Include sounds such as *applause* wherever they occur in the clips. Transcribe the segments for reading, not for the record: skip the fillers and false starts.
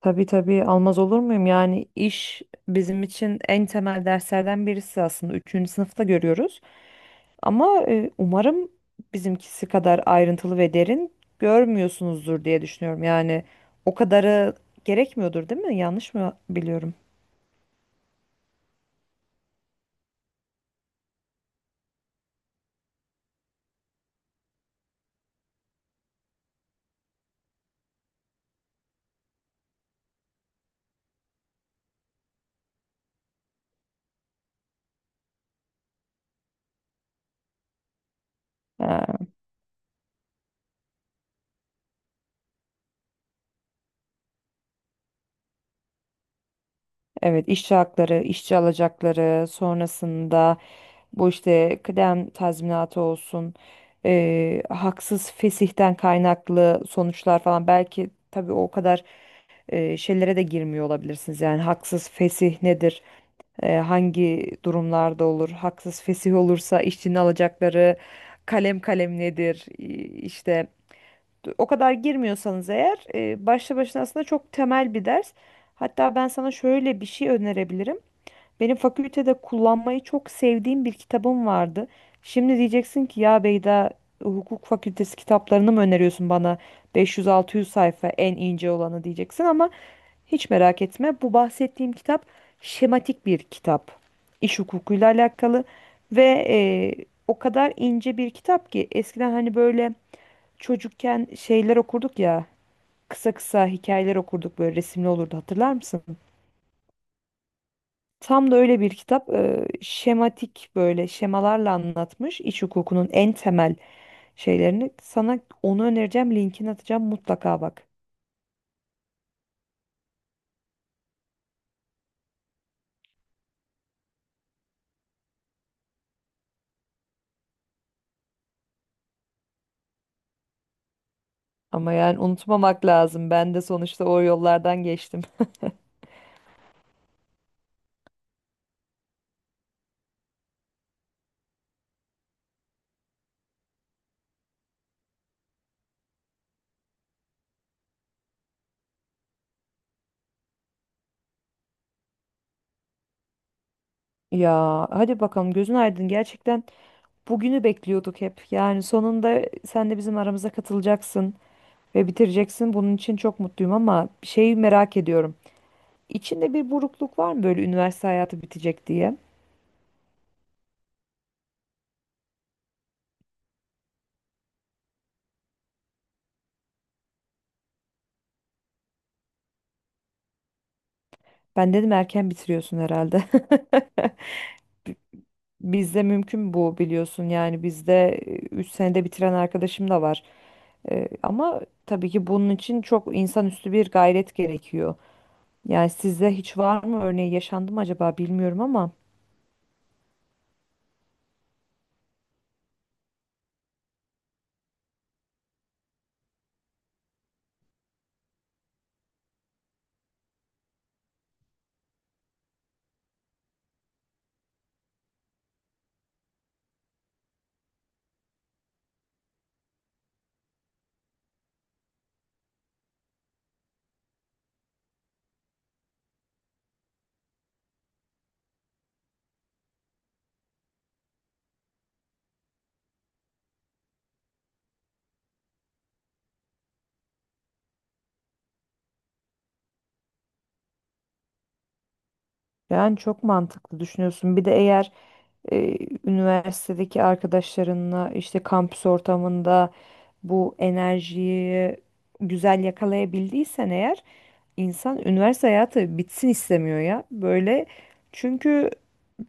Tabii tabii almaz olur muyum? Yani iş bizim için en temel derslerden birisi aslında. Üçüncü sınıfta görüyoruz. Ama umarım bizimkisi kadar ayrıntılı ve derin görmüyorsunuzdur diye düşünüyorum. Yani o kadarı gerekmiyordur, değil mi? Yanlış mı biliyorum? Ha. Evet, işçi hakları, işçi alacakları, sonrasında bu işte kıdem tazminatı olsun, haksız fesihten kaynaklı sonuçlar falan belki tabii o kadar şeylere de girmiyor olabilirsiniz. Yani haksız fesih nedir? Hangi durumlarda olur? Haksız fesih olursa işçinin alacakları kalem kalem nedir? İşte o kadar girmiyorsanız eğer başlı başına aslında çok temel bir ders. Hatta ben sana şöyle bir şey önerebilirim. Benim fakültede kullanmayı çok sevdiğim bir kitabım vardı. Şimdi diyeceksin ki ya Beyda, hukuk fakültesi kitaplarını mı öneriyorsun bana 500-600 sayfa en ince olanı diyeceksin ama hiç merak etme, bu bahsettiğim kitap şematik bir kitap. İş hukukuyla alakalı ve o kadar ince bir kitap ki eskiden hani böyle çocukken şeyler okurduk ya, kısa kısa hikayeler okurduk, böyle resimli olurdu, hatırlar mısın? Tam da öyle bir kitap, şematik, böyle şemalarla anlatmış iç hukukunun en temel şeylerini. Sana onu önereceğim, linkini atacağım mutlaka, bak. Ama yani unutmamak lazım. Ben de sonuçta o yollardan geçtim. Ya hadi bakalım, gözün aydın gerçekten, bugünü bekliyorduk hep. Yani sonunda sen de bizim aramıza katılacaksın ve bitireceksin. Bunun için çok mutluyum ama bir şeyi merak ediyorum. İçinde bir burukluk var mı böyle, üniversite hayatı bitecek diye? Ben dedim erken bitiriyorsun herhalde. *laughs* Bizde mümkün bu, biliyorsun, yani bizde 3 senede bitiren arkadaşım da var. Ama tabii ki bunun için çok insanüstü bir gayret gerekiyor. Yani sizde hiç var mı, örneği yaşandı mı acaba, bilmiyorum ama. Yani çok mantıklı düşünüyorsun. Bir de eğer e, üniversitedeki arkadaşlarınla işte kampüs ortamında bu enerjiyi güzel yakalayabildiysen eğer, insan üniversite hayatı bitsin istemiyor ya. Böyle, çünkü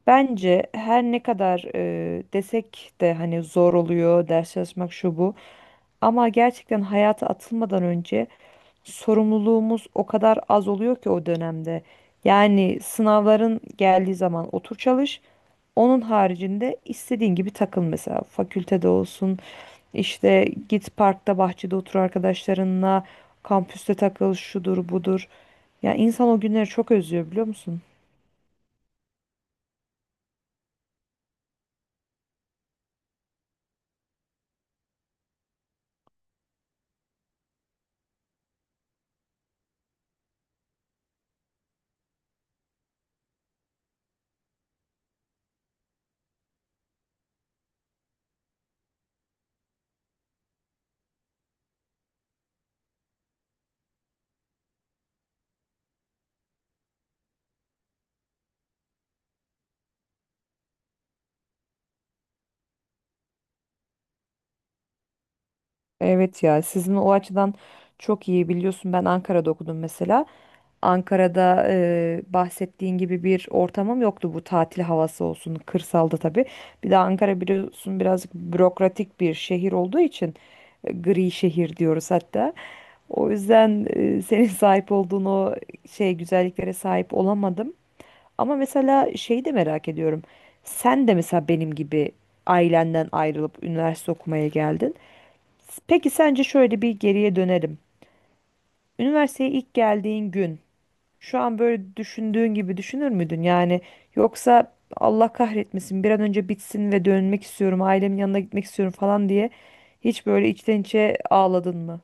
bence her ne kadar desek de hani, zor oluyor ders çalışmak şu bu, ama gerçekten hayata atılmadan önce sorumluluğumuz o kadar az oluyor ki o dönemde. Yani sınavların geldiği zaman otur çalış. Onun haricinde istediğin gibi takıl, mesela fakültede olsun, işte git parkta bahçede otur arkadaşlarınla, kampüste takıl, şudur budur. Ya insan o günleri çok özlüyor, biliyor musun? Evet ya, sizin o açıdan çok iyi, biliyorsun ben Ankara'da okudum mesela. Ankara'da bahsettiğin gibi bir ortamım yoktu, bu tatil havası olsun kırsalda tabii. Bir de Ankara biliyorsun birazcık bürokratik bir şehir olduğu için gri şehir diyoruz hatta. O yüzden senin *laughs* sahip olduğun o şey güzelliklere sahip olamadım. Ama mesela şeyi de merak ediyorum. Sen de mesela benim gibi ailenden ayrılıp üniversite okumaya geldin. Peki sence şöyle bir geriye dönelim. Üniversiteye ilk geldiğin gün şu an böyle düşündüğün gibi düşünür müydün? Yani yoksa Allah kahretmesin bir an önce bitsin ve dönmek istiyorum, ailemin yanına gitmek istiyorum falan diye hiç böyle içten içe ağladın mı?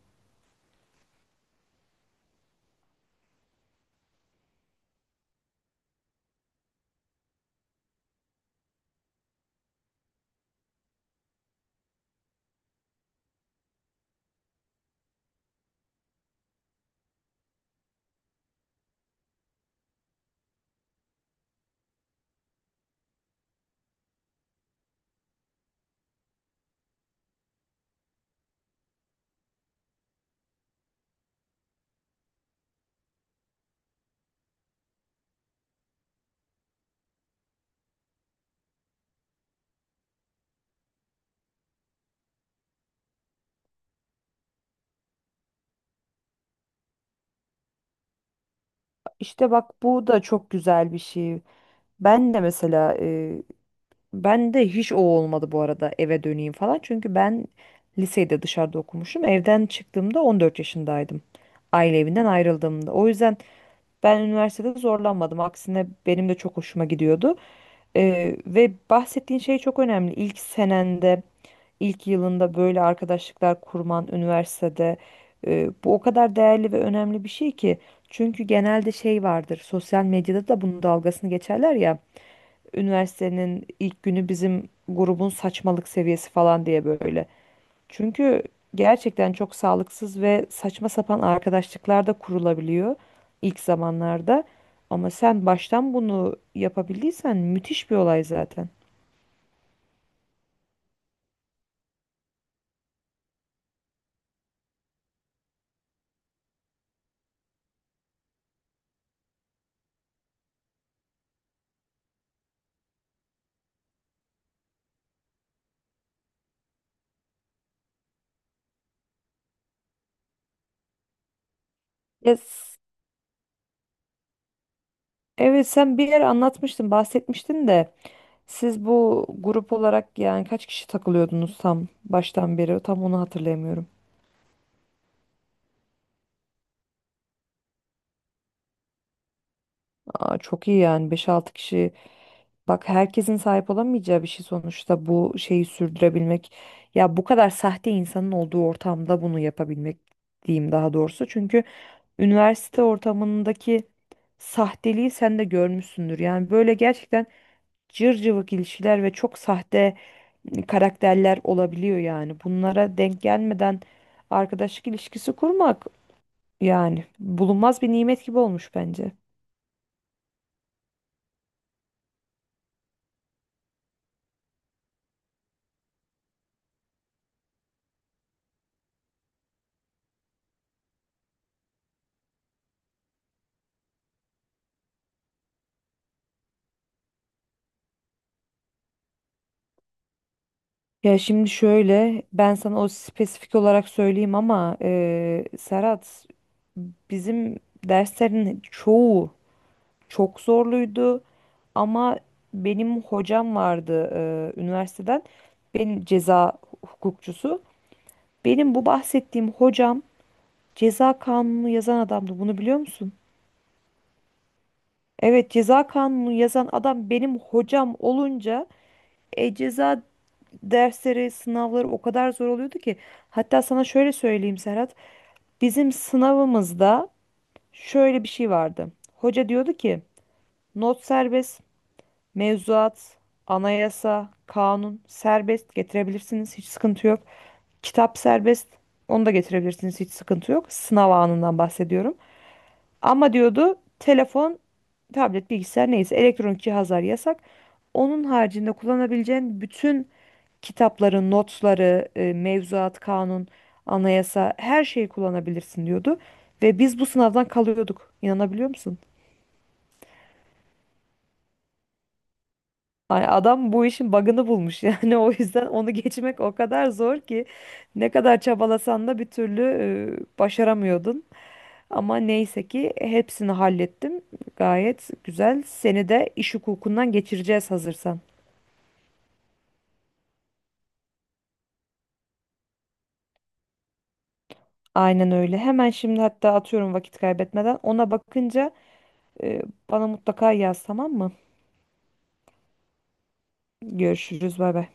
İşte bak, bu da çok güzel bir şey. Ben de mesela ben de hiç o olmadı bu arada, eve döneyim falan. Çünkü ben lisede dışarıda okumuşum. Evden çıktığımda 14 yaşındaydım. Aile evinden ayrıldığımda. O yüzden ben üniversitede zorlanmadım. Aksine benim de çok hoşuma gidiyordu. Ve bahsettiğin şey çok önemli. İlk senende, ilk yılında böyle arkadaşlıklar kurman üniversitede, bu o kadar değerli ve önemli bir şey ki. Çünkü genelde şey vardır. Sosyal medyada da bunun dalgasını geçerler ya. Üniversitenin ilk günü bizim grubun saçmalık seviyesi falan diye böyle. Çünkü gerçekten çok sağlıksız ve saçma sapan arkadaşlıklar da kurulabiliyor ilk zamanlarda. Ama sen baştan bunu yapabildiysen müthiş bir olay zaten. Ya s- evet sen bir yere anlatmıştın, bahsetmiştin de, siz bu grup olarak yani kaç kişi takılıyordunuz tam baştan beri? Tam onu hatırlayamıyorum. Aa, çok iyi yani, beş altı kişi. Bak herkesin sahip olamayacağı bir şey sonuçta bu, şeyi sürdürebilmek. Ya bu kadar sahte insanın olduğu ortamda bunu yapabilmek diyeyim daha doğrusu. Çünkü üniversite ortamındaki sahteliği sen de görmüşsündür. Yani böyle gerçekten cır cıvık ilişkiler ve çok sahte karakterler olabiliyor yani. Bunlara denk gelmeden arkadaşlık ilişkisi kurmak yani bulunmaz bir nimet gibi olmuş bence. Ya şimdi şöyle, ben sana o spesifik olarak söyleyeyim ama Serhat, bizim derslerin çoğu çok zorluydu ama benim hocam vardı üniversiteden, benim ceza hukukçusu. Benim bu bahsettiğim hocam ceza kanunu yazan adamdı, bunu biliyor musun? Evet, ceza kanunu yazan adam benim hocam olunca ceza dersleri, sınavları o kadar zor oluyordu ki. Hatta sana şöyle söyleyeyim Serhat. Bizim sınavımızda şöyle bir şey vardı. Hoca diyordu ki not serbest, mevzuat, anayasa, kanun serbest getirebilirsiniz, hiç sıkıntı yok. Kitap serbest, onu da getirebilirsiniz, hiç sıkıntı yok. Sınav anından bahsediyorum. Ama diyordu telefon, tablet, bilgisayar neyse elektronik cihazlar yasak. Onun haricinde kullanabileceğin bütün kitapların notları, mevzuat, kanun, anayasa, her şeyi kullanabilirsin diyordu. Ve biz bu sınavdan kalıyorduk. İnanabiliyor musun? Hani adam bu işin bug'ını bulmuş *laughs* yani o yüzden onu geçmek o kadar zor ki, ne kadar çabalasan da bir türlü başaramıyordun. Ama neyse ki hepsini hallettim. Gayet güzel. Seni de iş hukukundan geçireceğiz hazırsan. Aynen öyle. Hemen şimdi hatta atıyorum, vakit kaybetmeden. Ona bakınca e, bana mutlaka yaz, tamam mı? Görüşürüz. Bay bay.